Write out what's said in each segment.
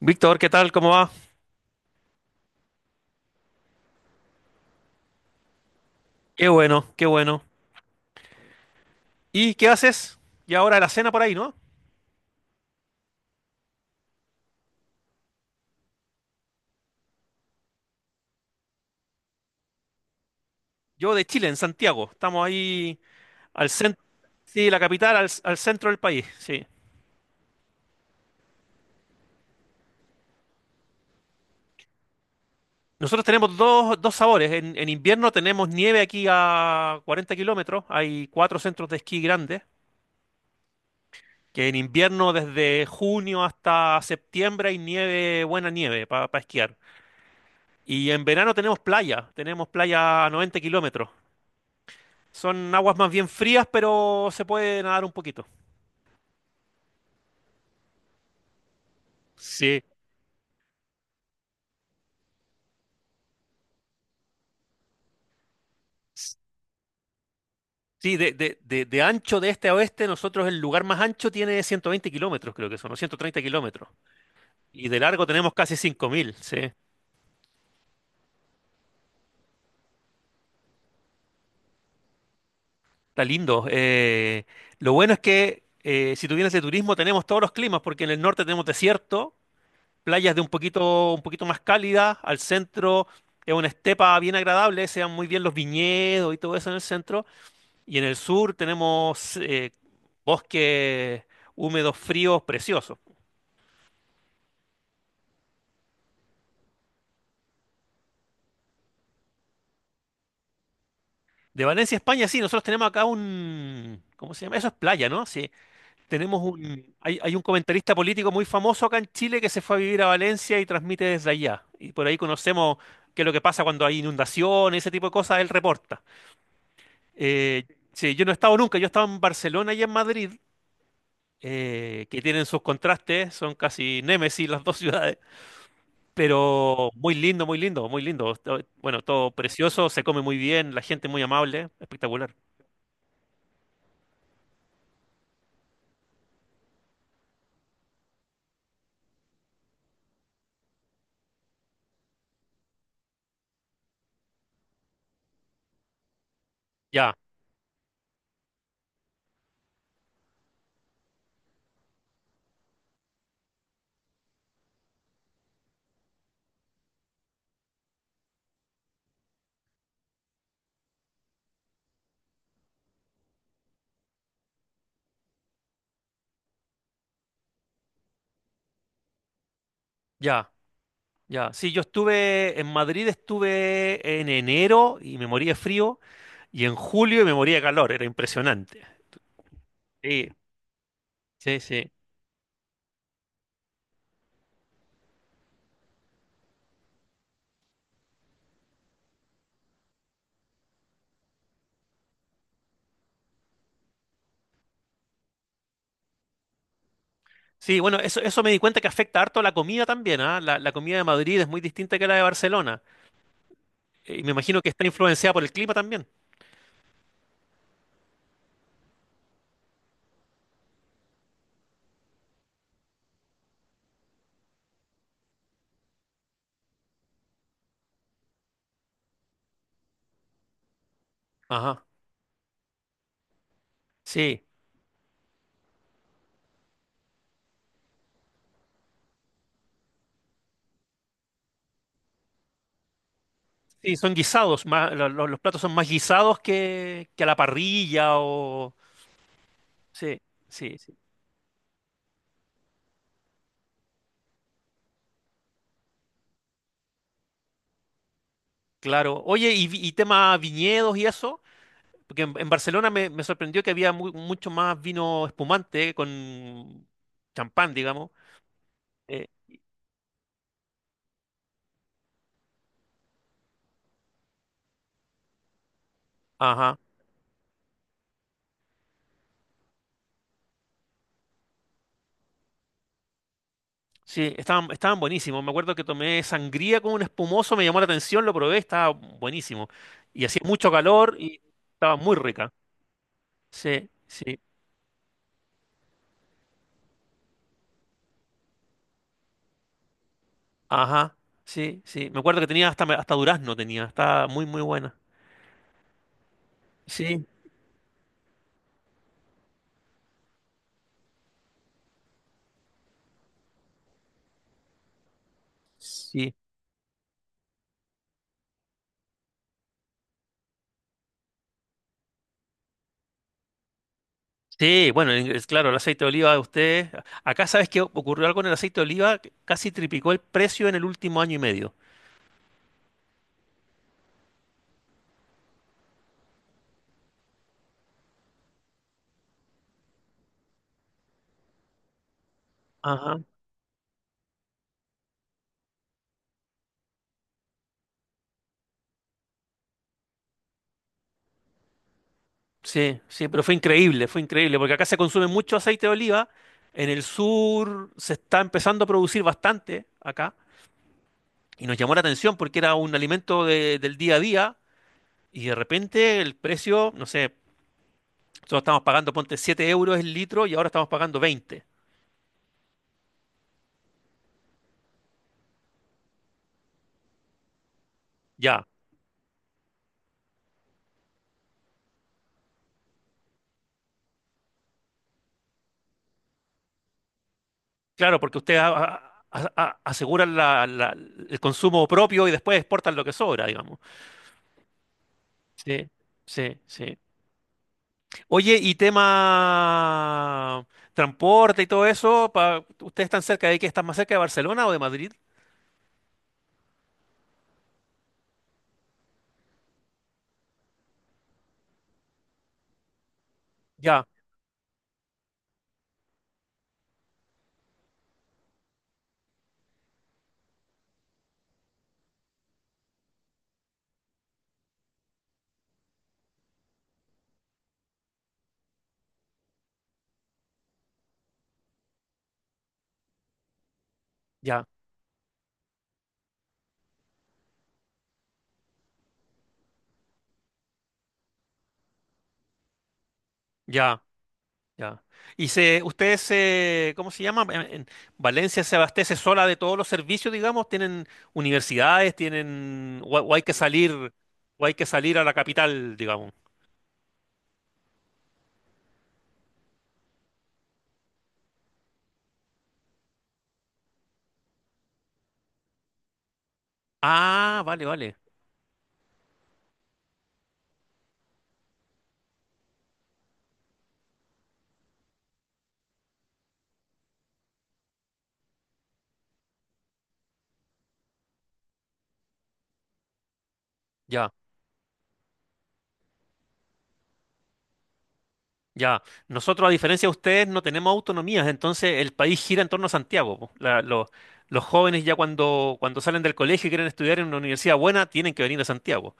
Víctor, ¿qué tal? ¿Cómo va? Qué bueno, qué bueno. ¿Y qué haces? Y ahora la cena por ahí, ¿no? Yo de Chile, en Santiago. Estamos ahí al centro, sí, la capital, al centro del país, sí. Nosotros tenemos dos, dos sabores. En invierno tenemos nieve aquí a 40 kilómetros. Hay cuatro centros de esquí grandes, que en invierno desde junio hasta septiembre hay nieve, buena nieve para esquiar. Y en verano tenemos playa a 90 kilómetros. Son aguas más bien frías, pero se puede nadar un poquito. Sí, sí, de ancho de este a oeste, nosotros el lugar más ancho tiene 120 kilómetros, creo que son, o 130 kilómetros. Y de largo tenemos casi 5.000. Sí. Está lindo. Lo bueno es que si tú vienes de turismo tenemos todos los climas, porque en el norte tenemos desierto, playas de un poquito más cálidas, al centro es una estepa bien agradable, se dan muy bien los viñedos y todo eso en el centro. Y en el sur tenemos bosques húmedos, fríos, preciosos. De Valencia, España, sí, nosotros tenemos acá un... ¿Cómo se llama? Eso es playa, ¿no? Sí. Tenemos un... Hay un comentarista político muy famoso acá en Chile que se fue a vivir a Valencia y transmite desde allá. Y por ahí conocemos qué es lo que pasa cuando hay inundaciones, ese tipo de cosas, él reporta. Eh, sí, yo no he estado nunca, yo he estado en Barcelona y en Madrid, que tienen sus contrastes, son casi némesis las dos ciudades. Pero muy lindo, muy lindo, muy lindo. Bueno, todo precioso, se come muy bien, la gente muy amable, espectacular. Ya, ya, ya. Sí, yo estuve en Madrid, estuve en enero y me moría de frío, y en julio y me moría de calor, era impresionante. Sí, sí, sí. Sí, bueno, eso me di cuenta que afecta harto la comida también, ¿ah? La comida de Madrid es muy distinta que la de Barcelona. Y me imagino que está influenciada por el clima también. Ajá. Sí, sí, son guisados, más, los platos son más guisados que a la parrilla o... Sí, sí, sí, claro. Oye, y tema viñedos y eso, porque en Barcelona me sorprendió que había mucho más vino espumante con champán, digamos. Eh, ajá, sí, estaban buenísimos. Me acuerdo que tomé sangría con un espumoso, me llamó la atención, lo probé, estaba buenísimo. Y hacía mucho calor y estaba muy rica. Sí, sí. Ajá, sí, sí. Me acuerdo que tenía hasta durazno tenía, está muy, muy buena. Sí, sí. Sí, bueno, es claro, el aceite de oliva de ustedes. Acá sabes que ocurrió algo con el aceite de oliva, que casi triplicó el precio en el último año y medio. Ajá. Sí, sí, pero fue increíble, porque acá se consume mucho aceite de oliva. En el sur se está empezando a producir bastante acá. Y nos llamó la atención porque era un alimento del día a día. Y de repente el precio, no sé. Nosotros estamos pagando, ponte 7 euros el litro y ahora estamos pagando 20. Ya, claro, porque ustedes aseguran el consumo propio y después exportan lo que sobra, digamos. Sí, sí, sí. Oye, y tema transporte y todo eso, ¿ustedes están cerca de qué? ¿Están más cerca de Barcelona o de Madrid? Ya, ya, ya. Ya. Y se, ustedes se, ¿cómo se llama? En Valencia se abastece sola de todos los servicios, digamos, tienen universidades, tienen, o hay que salir, o hay que salir a la capital, digamos. Ah, vale, vale. Ya, ya. Nosotros, a diferencia de ustedes, no tenemos autonomías, entonces el país gira en torno a Santiago. Po. Los jóvenes ya cuando, salen del colegio y quieren estudiar en una universidad buena, tienen que venir a Santiago.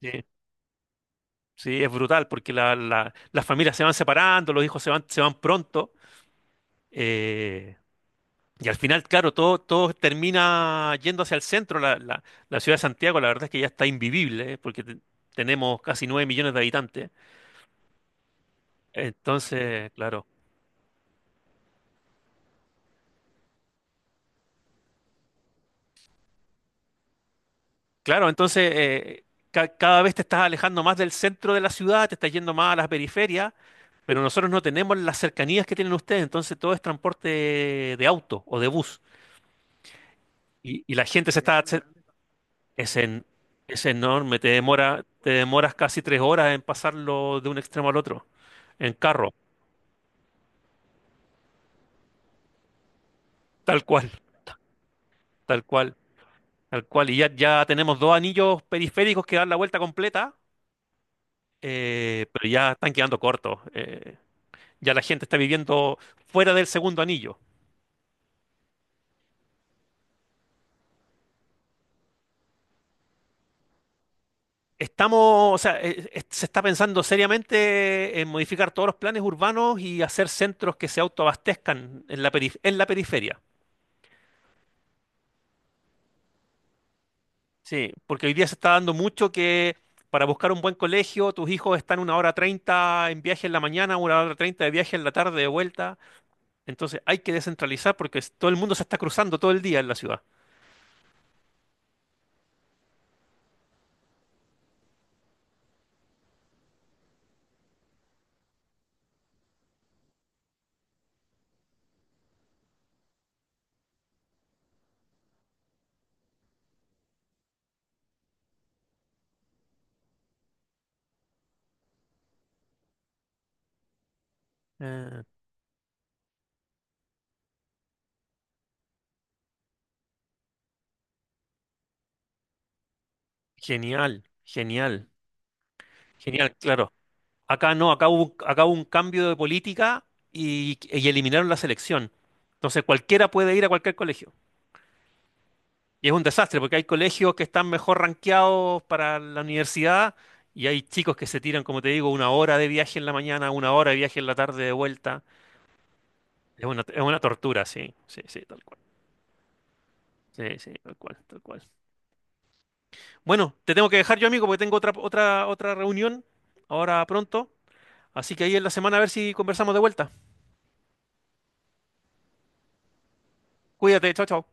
Sí, sí, es brutal porque las familias se van separando, los hijos se van pronto. Eh, y al final, claro, todo termina yendo hacia el centro. La ciudad de Santiago, la verdad es que ya está invivible, porque tenemos casi 9 millones de habitantes. Entonces, claro. Claro, entonces cada vez te estás alejando más del centro de la ciudad, te estás yendo más a las periferias, pero nosotros no tenemos las cercanías que tienen ustedes, entonces todo es transporte de auto o de bus. Y la gente se está, se- Es, en- es enorme, te demoras casi 3 horas en pasarlo de un extremo al otro, en carro, tal cual, tal cual, tal cual. Y ya tenemos dos anillos periféricos que dan la vuelta completa, pero ya están quedando cortos. Ya la gente está viviendo fuera del segundo anillo. Estamos, o sea, se está pensando seriamente en modificar todos los planes urbanos y hacer centros que se autoabastezcan en la periferia. Sí, porque hoy día se está dando mucho que para buscar un buen colegio, tus hijos están una hora treinta en viaje en la mañana, una hora treinta de viaje en la tarde de vuelta. Entonces hay que descentralizar porque todo el mundo se está cruzando todo el día en la ciudad. Eh, Genial, genial, genial, claro. Acá no, acá hubo un cambio de política y eliminaron la selección. Entonces cualquiera puede ir a cualquier colegio. Y es un desastre porque hay colegios que están mejor rankeados para la universidad y hay chicos que se tiran, como te digo, una hora de viaje en la mañana, una hora de viaje en la tarde de vuelta. Es una tortura, sí, sí, sí, tal cual. Sí, sí, tal cual, tal cual. Bueno, te tengo que dejar yo, amigo, porque tengo otra reunión ahora pronto. Así que ahí en la semana a ver si conversamos de vuelta. Cuídate, chao, chao.